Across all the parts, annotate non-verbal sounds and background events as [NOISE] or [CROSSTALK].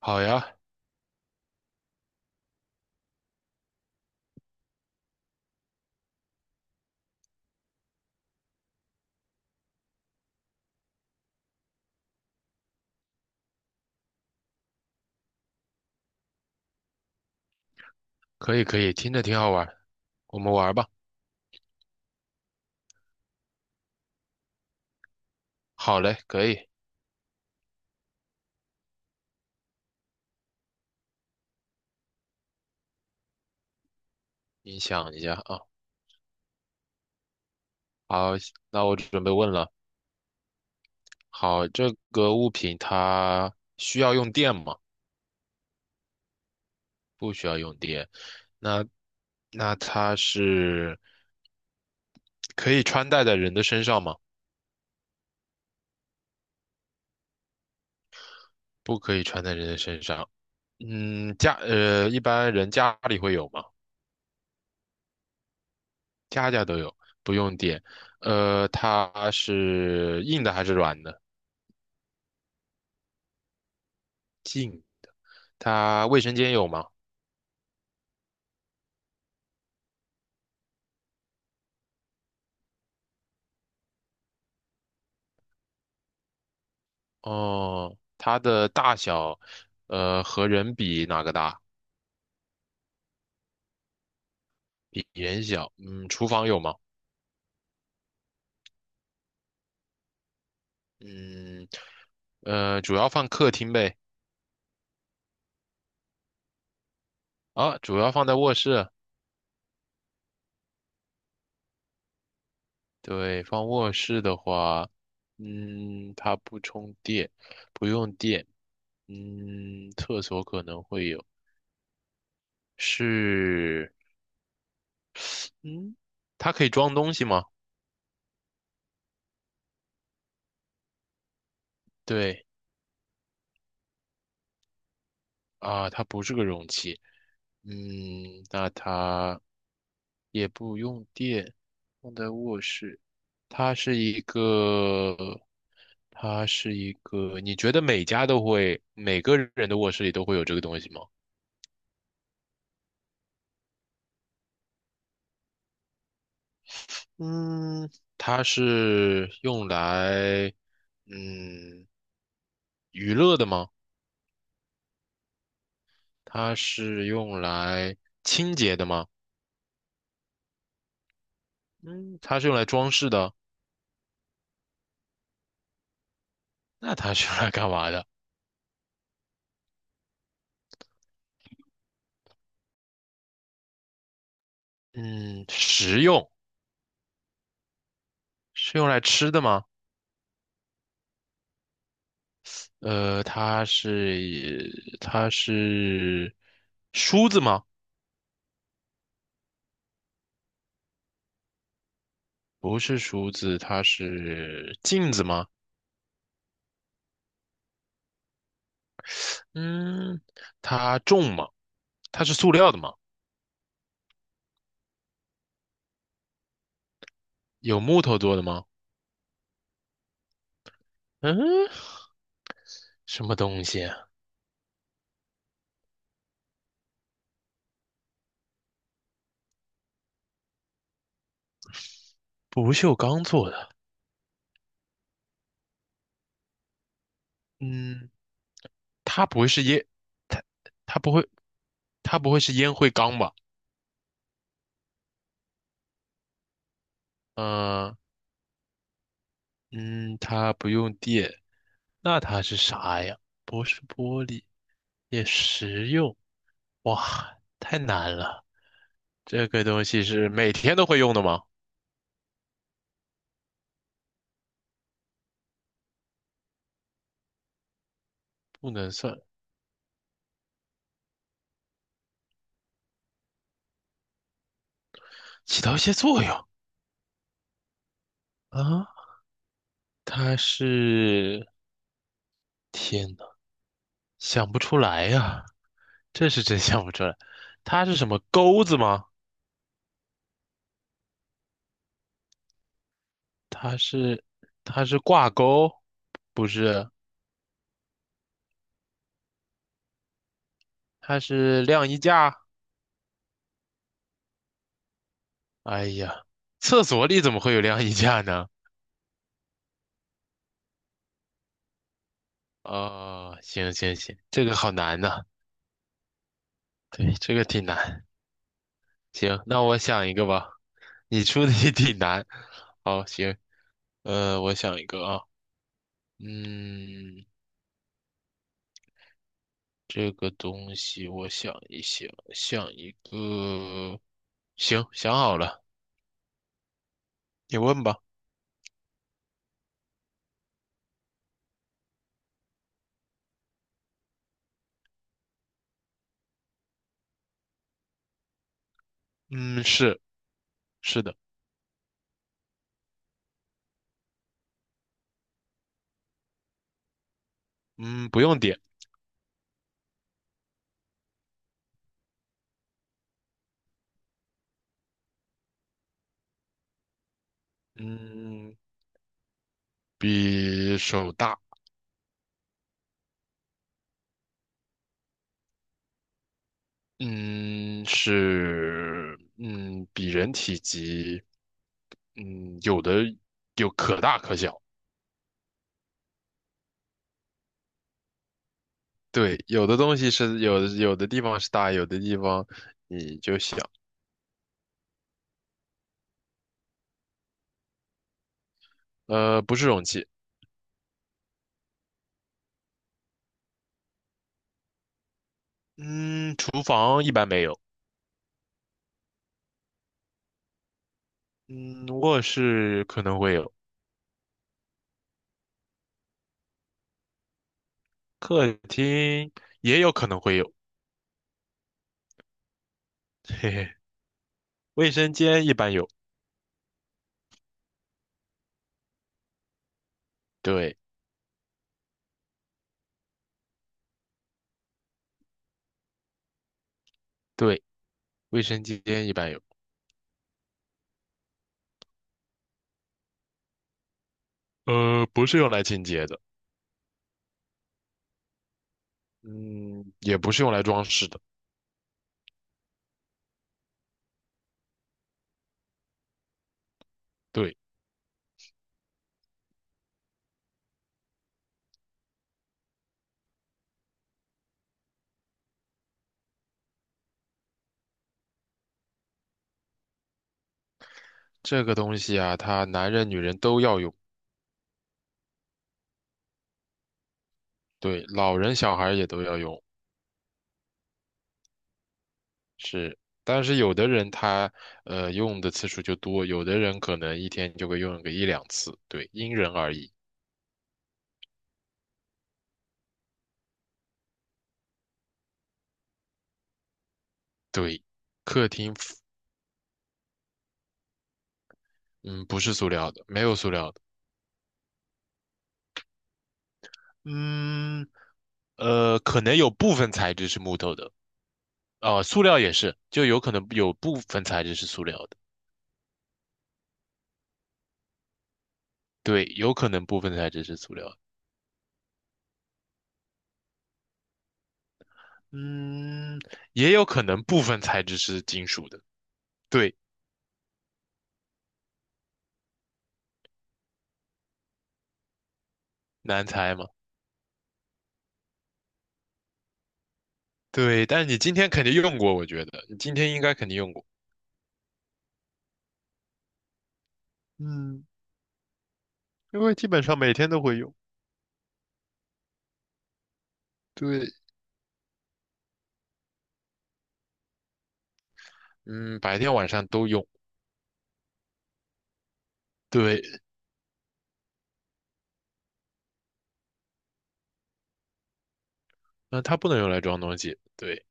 好呀，可以可以，听着挺好玩儿，我们玩儿吧。好嘞，可以，你想一下啊。好，那我准备问了。好，这个物品它需要用电吗？那那它是可以穿戴在人的身上吗？不可以穿在人的身上。嗯，一般人家里会有吗？家家都有，不用电。呃，它是硬的还是软的？硬。它卫生间有吗？哦，它的大小，和人比哪个大？比人小。嗯，厨房有吗？嗯，呃，主要放客厅呗。啊，主要放在卧室。对，放卧室的话，嗯，它不充电，不用电。嗯，厕所可能会有。是，嗯，它可以装东西吗？对，啊，它不是个容器。嗯，那它也不用电，放在卧室。它是一个，它是一个，你觉得每家都会，每个人的卧室里都会有这个东西吗？嗯，它是用来，嗯，娱乐的吗？它是用来清洁的吗？嗯，它是用来装饰的，那它是用来干嘛的？嗯，食用，是用来吃的吗？它是梳子吗？不是梳子，它是镜子吗？嗯，它重吗？它是塑料的吗？有木头做的吗？嗯，什么东西啊，不锈钢做的。嗯，它不会是烟，它它不会，它不会是烟灰缸吧？嗯、嗯，它不用电，那它是啥呀？不是玻璃。也实用，哇，太难了。这个东西是每天都会用的吗？不能算，起到一些作用啊。它是，天呐，想不出来呀、这是真想不出来。它是什么钩子吗？它是，它是挂钩，不是，它是晾衣架。哎呀，厕所里怎么会有晾衣架呢？哦，行行行，这个好难呐、对，这个挺难。行，那我想一个吧。你出的 [LAUGHS] 也挺难。好，行，我想一个啊，嗯，这个东西我想一想，想一个，行，想好了，你问吧。嗯，是是的，嗯，不用点，嗯，比手大，嗯，是，嗯，比人体积，嗯,有可大可小。对，有的东西是有的，有的地方是大，有的地方你就小。呃，不是容器。嗯，厨房一般没有。嗯，卧室可能会有，客厅也有可能会有。嘿嘿，卫生间一般有。对对，卫生间一般有。呃，不是用来清洁的。嗯，也不是用来装饰的。对，这个东西啊，它男人女人都要用。对，老人小孩也都要用。但是有的人他用的次数就多，有的人可能一天就会用个一两次，对，因人而异。对，客厅，嗯，不是塑料的，没有塑料的，嗯，可能有部分材质是木头的，哦，塑料也是，就有可能有部分材质是塑料的，对，有可能部分材质是塑料的，嗯，也有可能部分材质是金属的，对，难猜吗？对，但是你今天肯定用过，我觉得你今天应该肯定用过。嗯，因为基本上每天都会用，对，嗯，白天晚上都用，对，那它不能用来装东西，对，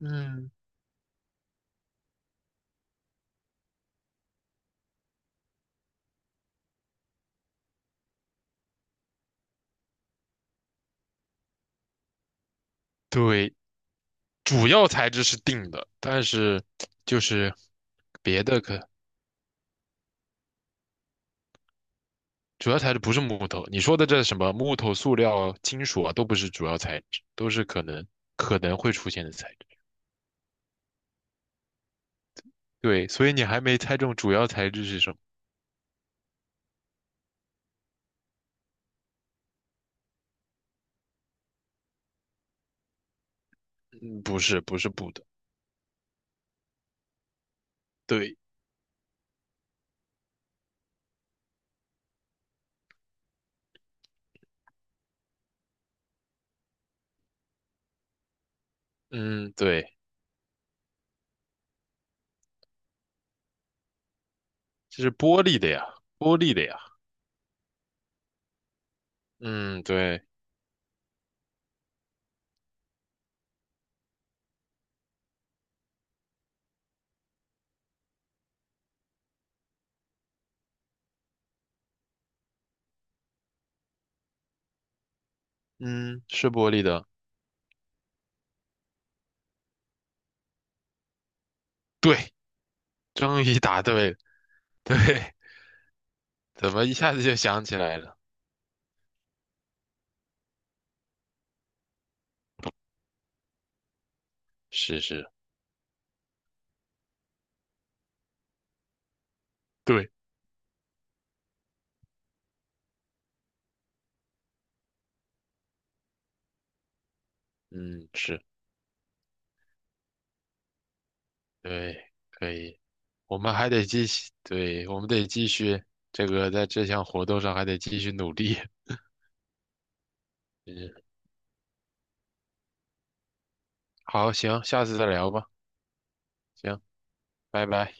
嗯，对，主要材质是定的，但是就是别的可主要材质不是木头，你说的这什么木头、塑料、金属啊，都不是主要材质，都是可能会出现的材质，对，所以你还没猜中主要材质是什么，嗯，不是，不是布的，对，嗯，对，这是玻璃的呀，玻璃的呀，嗯，对。嗯，是玻璃的。对，终于答对了。对，怎么一下子就想起来了？是是，对，嗯，是，对，可以。我们还得继续，对，我们得继续在这项活动上还得继续努力。嗯，好，行，下次再聊吧。行，拜拜。